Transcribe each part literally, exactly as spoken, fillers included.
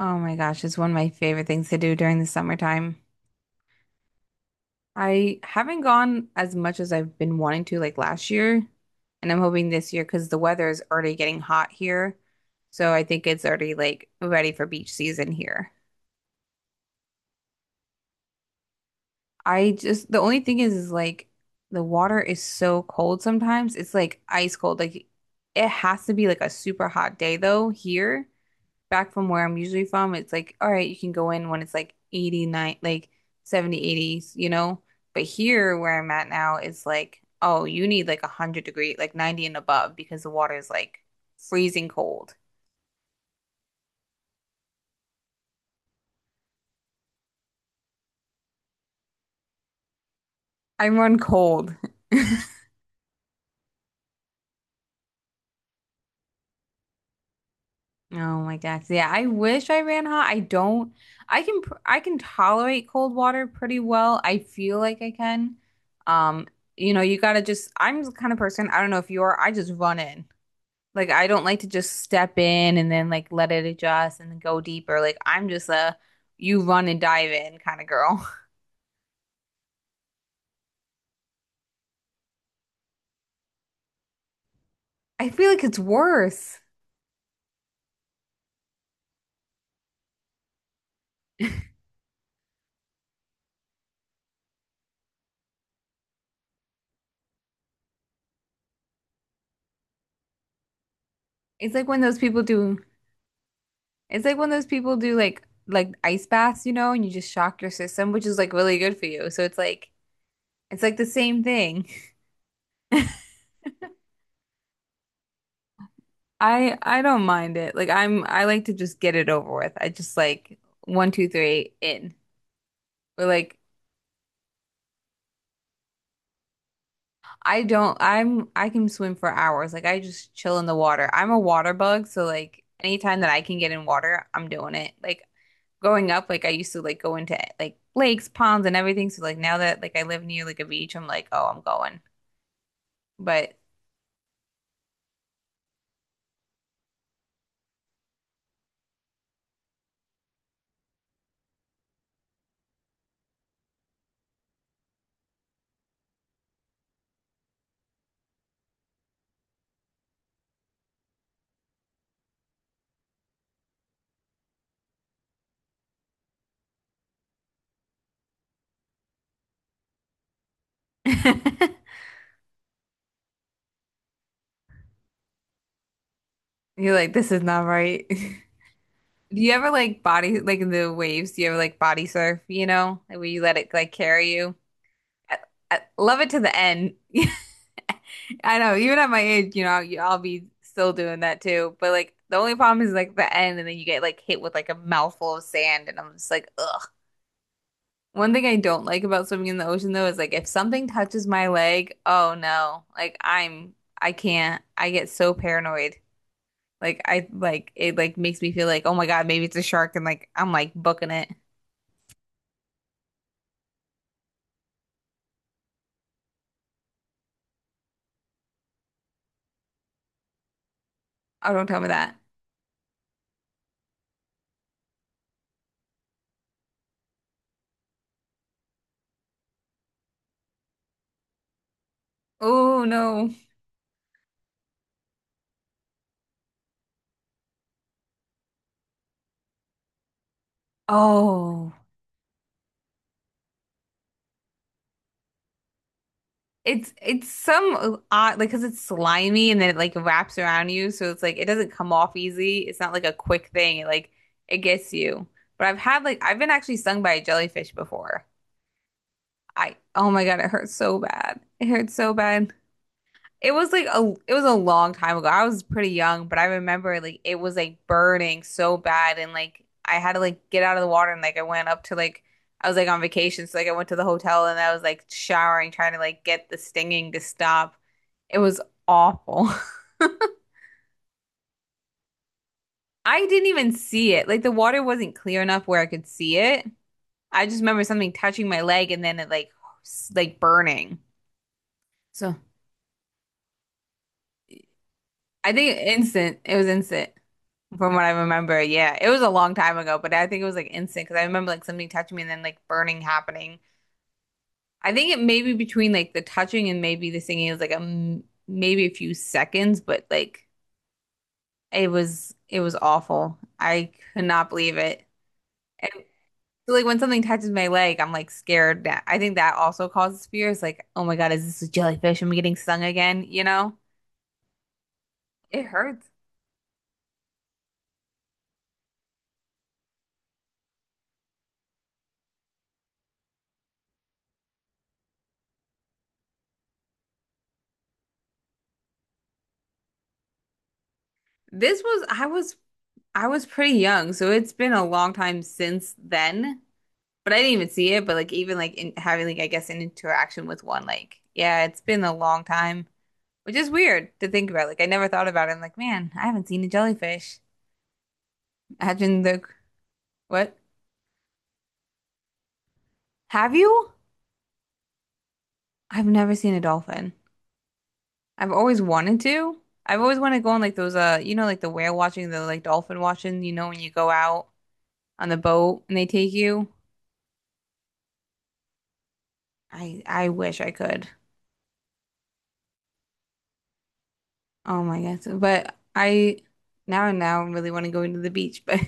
Oh my gosh, it's one of my favorite things to do during the summertime. I haven't gone as much as I've been wanting to like last year, and I'm hoping this year because the weather is already getting hot here. So I think it's already like ready for beach season here. I just The only thing is is like the water is so cold sometimes. It's like ice cold. Like it has to be like a super hot day though here back from where I'm usually from, it's like, all right, you can go in when it's like eighty-nine, like seventy, eighties, you know? But here where I'm at now, it's like, oh, you need like one hundred degree, like ninety and above because the water is like freezing cold. I run cold. Oh my gosh. Yeah, I wish I ran hot. I don't. I can pr- I can tolerate cold water pretty well. I feel like I can. Um, you know, you gotta just, I'm the kind of person, I don't know if you are, I just run in. Like I don't like to just step in and then like let it adjust and then go deeper. Like I'm just a you run and dive in kind of girl. I feel like it's worse. It's like when those people do it's like when those people do like like ice baths, you know, and you just shock your system, which is like really good for you. So it's like it's like the same thing. I I don't mind it. Like I'm I like to just get it over with. I just like one, two, three, in. Or like I don't, I'm, I can swim for hours. Like I just chill in the water. I'm a water bug, so like anytime that I can get in water, I'm doing it. Like growing up, like I used to like go into like lakes, ponds, and everything. So like now that like I live near like a beach, I'm like, oh, I'm going. But you're like, this is not right. Do you ever like body like in the waves? Do you ever like body surf? You know, like, where you let it like carry you? I, I love it to the end. I know, even at my age, you know, you- I'll be still doing that too. But like the only problem is like the end, and then you get like hit with like a mouthful of sand, and I'm just like, ugh. One thing I don't like about swimming in the ocean though is like if something touches my leg, oh no, like I'm, I can't, I get so paranoid. Like I like it like makes me feel like, oh my God, maybe it's a shark, and like I'm like booking it. Oh, don't tell me that. Oh no. Oh. It's it's some odd like because it's slimy and then it like wraps around you, so it's like it doesn't come off easy. It's not like a quick thing. It like it gets you. But I've had like I've been actually stung by a jellyfish before. I Oh my God, it hurts so bad. It hurts so bad. It was like a it was a long time ago. I was pretty young, but I remember like it was like burning so bad and like I had to like get out of the water and like I went up to like I was like on vacation, so like I went to the hotel and I was like showering trying to like get the stinging to stop. It was awful. I didn't even see it. Like the water wasn't clear enough where I could see it. I just remember something touching my leg and then it like s- like burning. So I think instant. It was instant from what I remember. Yeah, it was a long time ago, but I think it was like instant because I remember like something touching me and then like burning happening. I think it may be between like the touching and maybe the singing is like a m maybe a few seconds, but like it was it was awful. I could not believe it. And so, like when something touches my leg, I'm like scared. That I think that also causes fear. It's like, oh my God, is this a jellyfish? Am I getting stung again? You know, it hurts. This was I was I was pretty young, so it's been a long time since then. But I didn't even see it. But like even like in, having like I guess an interaction with one, like yeah, it's been a long time, which is weird to think about. Like I never thought about it. I'm like, man, I haven't seen a jellyfish. Imagine the What? Have you? I've never seen a dolphin. I've always wanted to. I've always wanted to go on like those uh you know like the whale watching, the like dolphin watching. You know when you go out on the boat and they take you. I I wish I could. Oh my gosh. But I now and now really want to go into the beach. But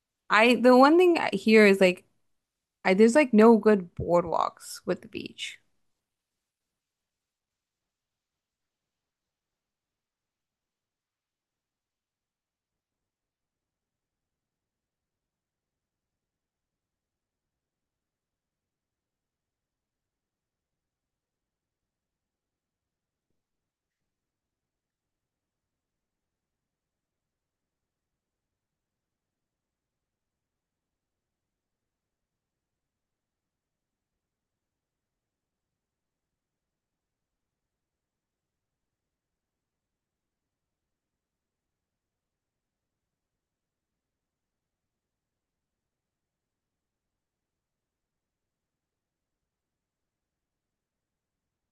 I the one thing I hear is like I there's like no good boardwalks with the beach.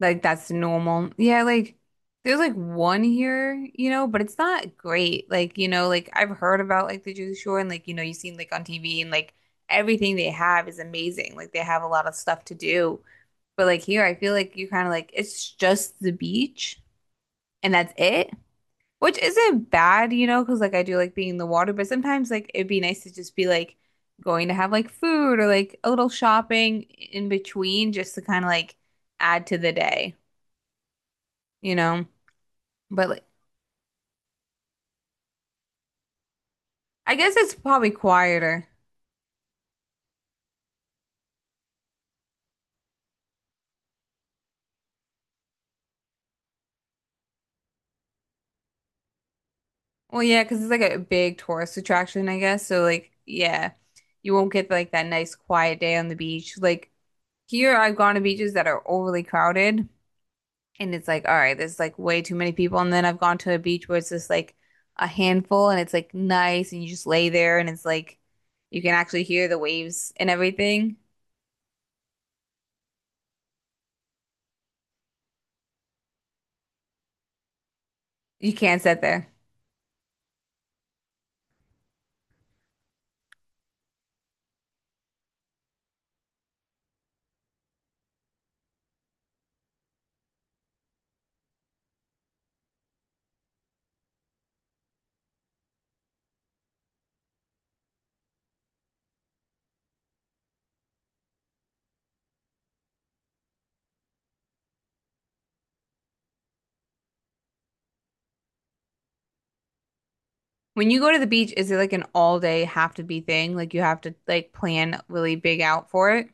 Like that's normal. Yeah, like there's like one here, you know, but it's not great. Like, you know, like I've heard about like the Jersey Shore and like, you know, you've seen like on T V and like everything they have is amazing. Like they have a lot of stuff to do. But like here I feel like you kind of like it's just the beach and that's it. Which isn't bad, you know, because like I do like being in the water, but sometimes like it'd be nice to just be like going to have like food or like a little shopping in between just to kind of like add to the day, you know? But like I guess it's probably quieter. Well, yeah, because it's like a big tourist attraction, I guess. So like yeah, you won't get like that nice quiet day on the beach. Like here, I've gone to beaches that are overly crowded. And it's like, all right, there's like way too many people. And then I've gone to a beach where it's just like a handful and it's like nice and you just lay there and it's like you can actually hear the waves and everything. You can't sit there. When you go to the beach, is it like an all day have to be thing? Like you have to like plan really big out for it?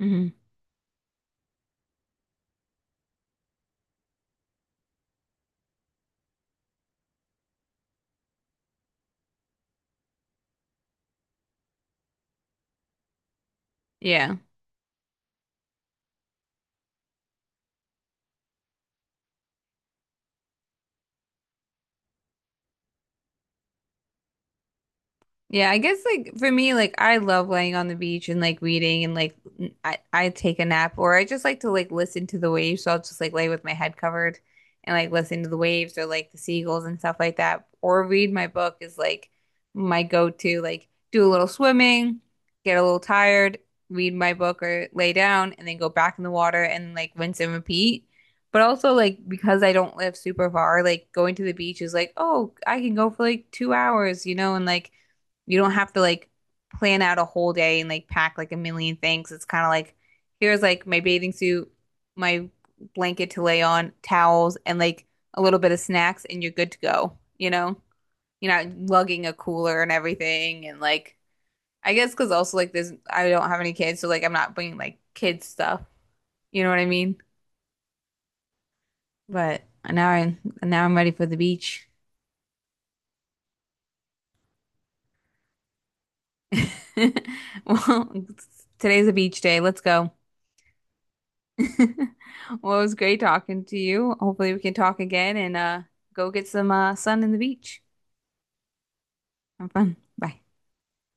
Hmm. Yeah. Yeah, I guess like for me, like I love laying on the beach and like reading and like n- I, I take a nap or I just like to like listen to the waves. So I'll just like lay with my head covered and like listen to the waves or like the seagulls and stuff like that. Or read my book is like my go-to. Like do a little swimming, get a little tired, read my book or lay down and then go back in the water and like rinse and repeat. But also like because I don't live super far, like going to the beach is like, oh, I can go for like two hours, you know, and like you don't have to like plan out a whole day and like pack like a million things. It's kind of like here's like my bathing suit, my blanket to lay on, towels, and like a little bit of snacks, and you're good to go. You know, you're not lugging a cooler and everything. And like, I guess because also like this, I don't have any kids, so like I'm not bringing like kids stuff. You know what I mean? But now I now I'm ready for the beach. Well, today's a beach day. Let's go. Well, it was great talking to you. Hopefully, we can talk again and uh, go get some uh, sun in the beach. Have fun. Bye.